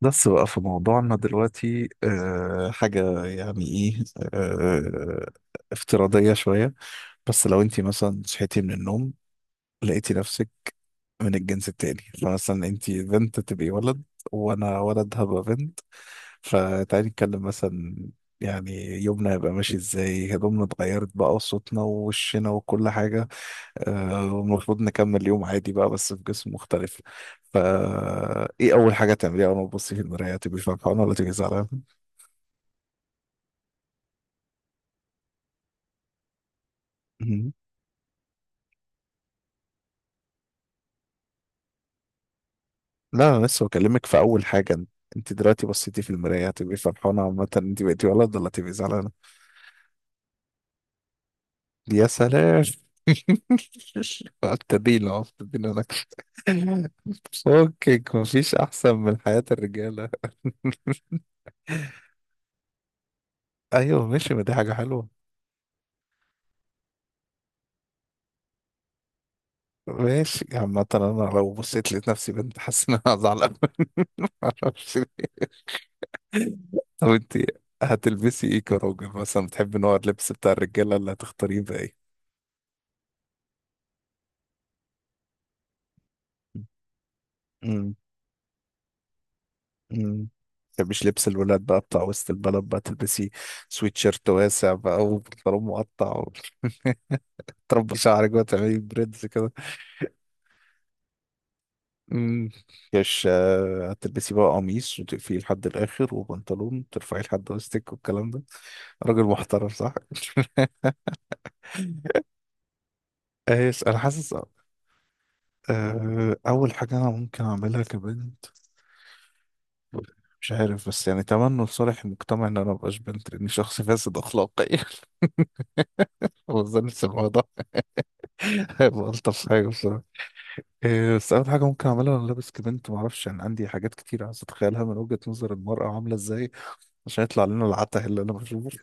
بس بقى في موضوعنا دلوقتي حاجة يعني ايه. أه افتراضية شوية. بس لو انت مثلا صحيتي من النوم، لقيتي نفسك من الجنس التاني، فمثلا انت بنت تبقي ولد، وانا ولد هبقى بنت. فتعالي نتكلم مثلا، يعني يومنا هيبقى ماشي ازاي، هدومنا اتغيرت بقى وصوتنا ووشنا وكل حاجة. آه، والمفروض نكمل اليوم عادي بقى بس في جسم مختلف. فا ايه اول حاجه تعمليها؟ اول ما تبصي في المرايه تبقي فرحانه ولا تبقي زعلانه؟ مهم. لا انا لسه بكلمك في اول حاجه. انت دلوقتي بصيتي في المرايه تبقي فرحانه، عامه انت بقيتي ولد، ولا تبقي زعلانه؟ يا سلام. ابتدينا أهو، ابتدينا نكشف. فكك، مفيش احسن من حياه الرجاله. ايوه ماشي، ما دي حاجه حلوه. ماشي، عامة انا لو بصيت لقيت نفسي بنت، حاسس ان انا هزعل. معرفش. طب انت هتلبسي ايه كراجل؟ مثلا بتحبي نوع اللبس بتاع الرجاله، اللي هتختاريه بقى ايه؟ مم. مم. متحبيش لبس الولاد بقى بتاع وسط البلد؟ بقى تلبسي سويت شيرت واسع بقى وبنطلون مقطع و... تربي شعرك بقى، تعملي بريدز كده. أمم. مش هتلبسي بقى قميص وتقفيه لحد الاخر وبنطلون ترفعيه لحد وسطك والكلام ده. راجل محترم صح؟ ايش، انا حاسس اول حاجه انا ممكن اعملها كبنت. مش عارف، بس يعني تمنوا لصالح المجتمع ان انا مبقاش بنت لاني شخص فاسد اخلاقيا. وظن الموضوع ده هيبقى الطف حاجه بصراحه. إيه، بس اول حاجه ممكن اعملها وانا لابس كبنت، ما اعرفش، يعني عندي حاجات كتير عايز اتخيلها من وجهه نظر المراه عامله ازاي، عشان يطلع لنا العته اللي انا بشوفه.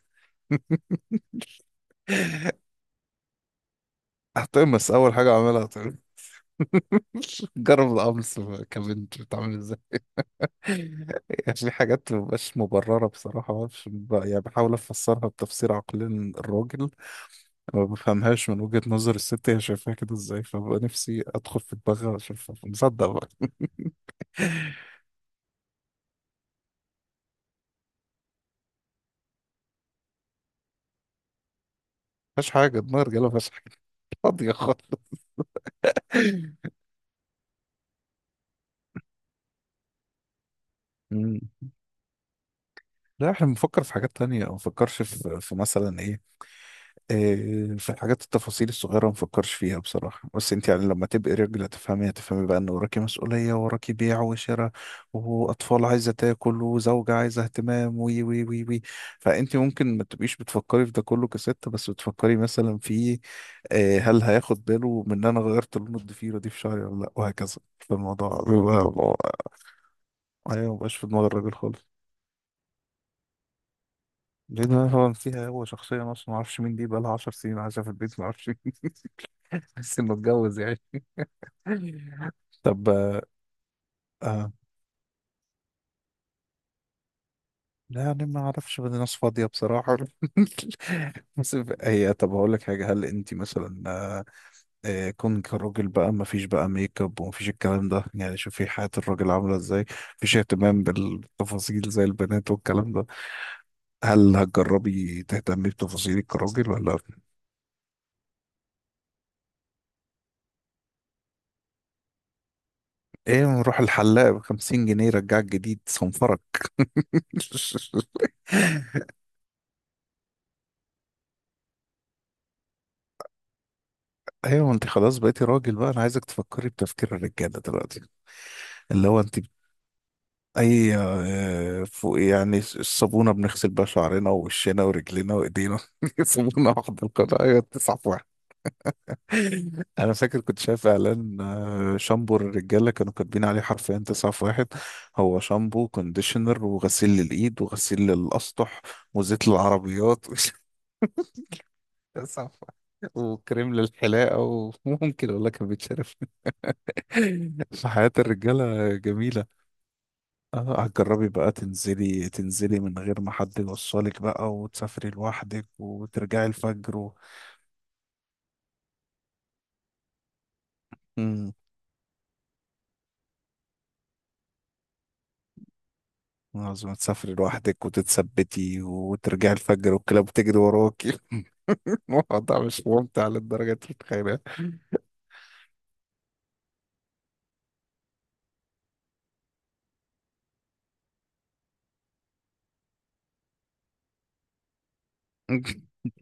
هتقمص، اول حاجه اعملها هتقمص. جرب القمص كبنت بتعمل ازاي. يعني في حاجات مبقاش مبرره بصراحه، ما اعرفش يعني بحاول افسرها بتفسير عقلين الراجل. ما بفهمهاش من وجهة نظر الست، هي شايفاها كده ازاي، فبقى نفسي ادخل في دماغها اشوفها مصدق بقى. مفيهاش حاجة، دماغ رجالة مفيهاش حاجة، فاضية خالص. مم. لا احنا بنفكر في حاجات تانية، ما بنفكرش في مثلا إيه، إيه، في الحاجات التفاصيل الصغيرة ما بفكرش فيها بصراحة. بس انت يعني لما تبقي رجل هتفهمي، هتفهمي بقى ان وراكي مسؤولية، وراكي بيع وشراء واطفال عايزة تاكل وزوجة عايزة اهتمام وي وي وي وي. فانت ممكن ما تبقيش بتفكري في ده كله كست، بس بتفكري مثلا في إيه، هل هياخد باله من ان انا غيرت لون الضفيرة دي في شعري ولا لا، وهكذا فالموضوع بيبقى- ايوه مبقاش في دماغ الراجل خالص. لان هو فيها هو شخصيا اصلا ما اعرفش مين، دي بقى لها 10 سنين عايشه في البيت ما اعرفش مين. بس انه اتجوز يعني. طب آه، لا يعني ما اعرفش، بدي ناس فاضيه بصراحه. بس هي، طب هقول لك حاجه، هل انت مثلا كون كراجل بقى، ما فيش بقى ميك اب وما فيش الكلام ده، يعني شوفي حياه الراجل عامله ازاي. مفيش اهتمام بالتفاصيل زي البنات والكلام ده. هل هتجربي تهتمي بتفاصيلك كراجل ولا؟ ايه، نروح الحلاق ب 50 جنيه رجعك جديد صنفرك. ايوه، ما انت خلاص بقيتي راجل بقى، انا عايزك تفكري بتفكير الرجاله دلوقتي. اللي هو انت اي فوق يعني الصابونه بنغسل بيها شعرنا ووشنا ورجلنا وايدينا، صابونه واحده القطعه هي تسعة في واحد. انا فاكر كنت شايف اعلان شامبو الرجاله كانوا كاتبين عليه حرفيا تسعة في واحد. هو شامبو كونديشنر وغسيل للايد وغسيل للاسطح وزيت للعربيات، تسعة في واحد وكريم للحلاقه، وممكن والله كان بيتشرب. فحياة الرجالة جميلة. اه هتجربي بقى تنزلي تنزلي من غير ما حد يوصلك بقى، وتسافري لوحدك وترجعي الفجر و... مم. لازم تسافري لوحدك وتتثبتي وترجعي الفجر والكلاب بتجري وراكي. الموضوع مش ممتع للدرجة انت متخيلها.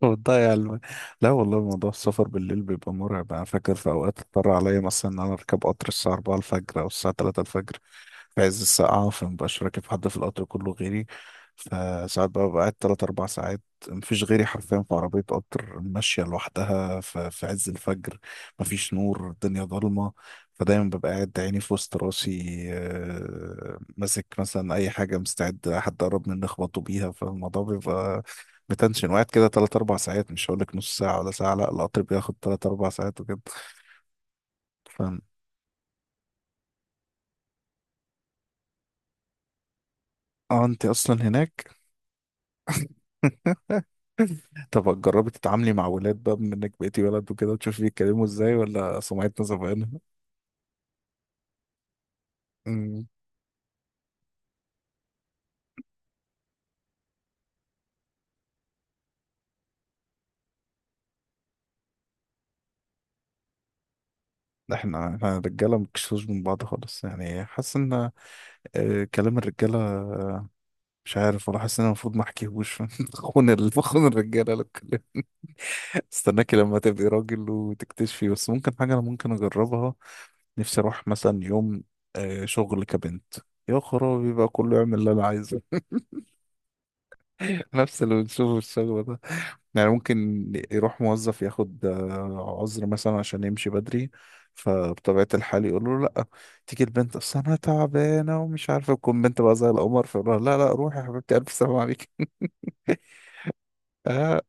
وتضيع الم... لا والله، موضوع السفر بالليل بيبقى مرعب. انا فاكر في اوقات اضطر عليا مثلا ان انا اركب قطر الساعة 4 الفجر او الساعة 3 الفجر، في عز السقعة، فمبقاش راكب حد في القطر كله غيري. فساعات بقى ببقى قاعد تلات أربع ساعات. مفيش غيري حرفيا في عربية قطر ماشية لوحدها في عز الفجر. مفيش نور، الدنيا ضلمة. فدايما ببقى قاعد عيني في وسط راسي، ماسك مثلا أي حاجة مستعد حد قرب مني أخبطه بيها. فالموضوع بيبقى متنشن، وقاعد كده تلات أربع ساعات. مش هقولك نص ساعة ولا ساعة، لأ القطر بياخد تلات أربع ساعات وكده. فاهم. اه انت اصلا هناك. طب جربي تتعاملي مع ولاد بقى، بما انك بقيتي ولد وكده، وتشوفي بيتكلموا ازاي ولا سمعتنا زمان. أمم. احنا الرجاله مكشوش من بعض خالص، يعني حاسس ان كلام الرجاله مش عارف، ولا حاسس ان انا المفروض ما احكيهوش، بخون الرجاله لو اتكلمت. استناكي لما تبقي راجل وتكتشفي. بس ممكن حاجه انا ممكن اجربها، نفسي اروح مثلا يوم شغل كبنت، يا خرابي بقى كله يعمل اللي انا عايزه. نفس اللي بنشوفه في الشغل ده. يعني ممكن يروح موظف ياخد عذر مثلا عشان يمشي بدري، فبطبيعة الحال يقول له لا. تيجي البنت، اصل انا تعبانة ومش عارفة، تكون بنت بقى زي القمر، فيقول لها لا لا، روحي يا حبيبتي الف سلام عليك. آه.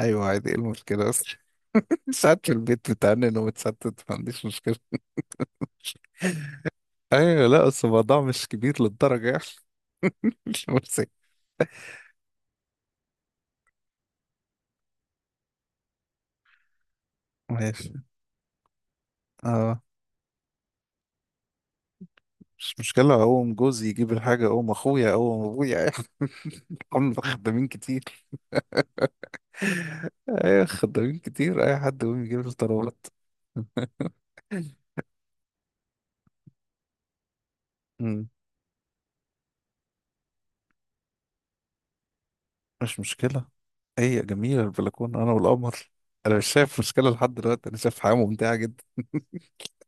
ايوه عادي، ايه المشكلة اصلا؟ ساعات في البيت بتعنن وبتستت، ما عنديش مشكلة. ايوه، لا اصل الموضوع مش كبير للدرجة يعني. مش مؤذي. ماشي. آه، مش مشكلة، أقوم جوزي يجيب الحاجة، أقوم أخويا، أقوم أبويا. هم خدامين كتير. أيوة خدامين كتير، أي حد يقوم يجيب الطلبات. أمم، مش مشكلة. هي جميلة البلكونة، أنا والقمر. أنا مش شايف مشكلة لحد دلوقتي، أنا شايف حياة ممتعة جدا.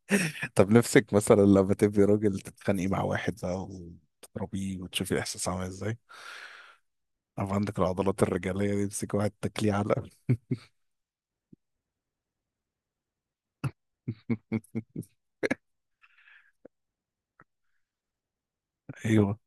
طب نفسك مثلا لما تبقي راجل تتخانقي مع واحد بقى وتضربيه وتشوفي الإحساس عامل إزاي؟ أو عندك العضلات الرجالية دي، تمسك واحد تاكليه علقة. أيوه.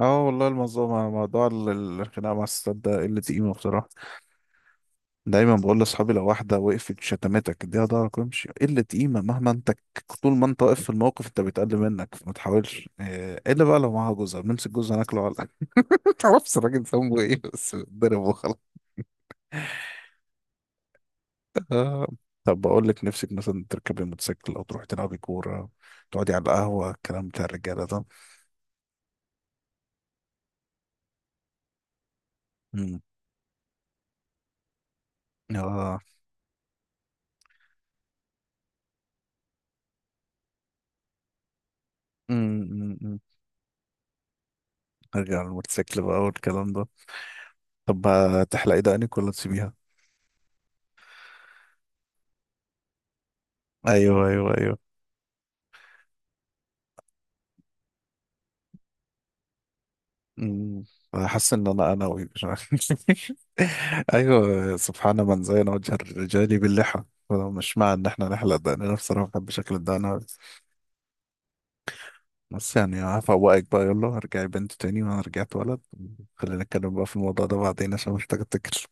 اه والله، الموضوع الخناقة مع الستات ده قلة قيمة بصراحة. دايما بقول لاصحابي لو واحده وقفت شتمتك، اديها ضهرك وامشي، قله قيمه، مهما انت طول ما انت واقف في الموقف انت بيتقل منك، فما تحاولش الا بقى لو معاها جوزها، بنمسك جوزها ناكله على ما تعرفش الراجل ذنبه ايه بس بيتضرب وخلاص. آه. طب بقول لك نفسك مثلا تركبي موتوسيكل، او تروحي تلعبي كوره، تقعدي على القهوه، الكلام بتاع الرجاله ده. امم. اه. امم. أمم. أمم. ارجع على الموتوسيكل بقى والكلام ده. طب هتحلقي دقنك ولا تسيبيها؟ ايوه، ايوه، ايوه. مم. انا حاسس ان انا انوي، مش عارف. ايوه، سبحان من زين وجه الرجال باللحى. أنا مش مع ان احنا نحلق دقننا، أنا بصراحه بحب شكل الدقن أوي. بس يعني هفوقك بقى، يلا ارجعي بنت تاني وانا رجعت ولد. خلينا نتكلم بقى في الموضوع ده بعدين عشان محتاج افتكر.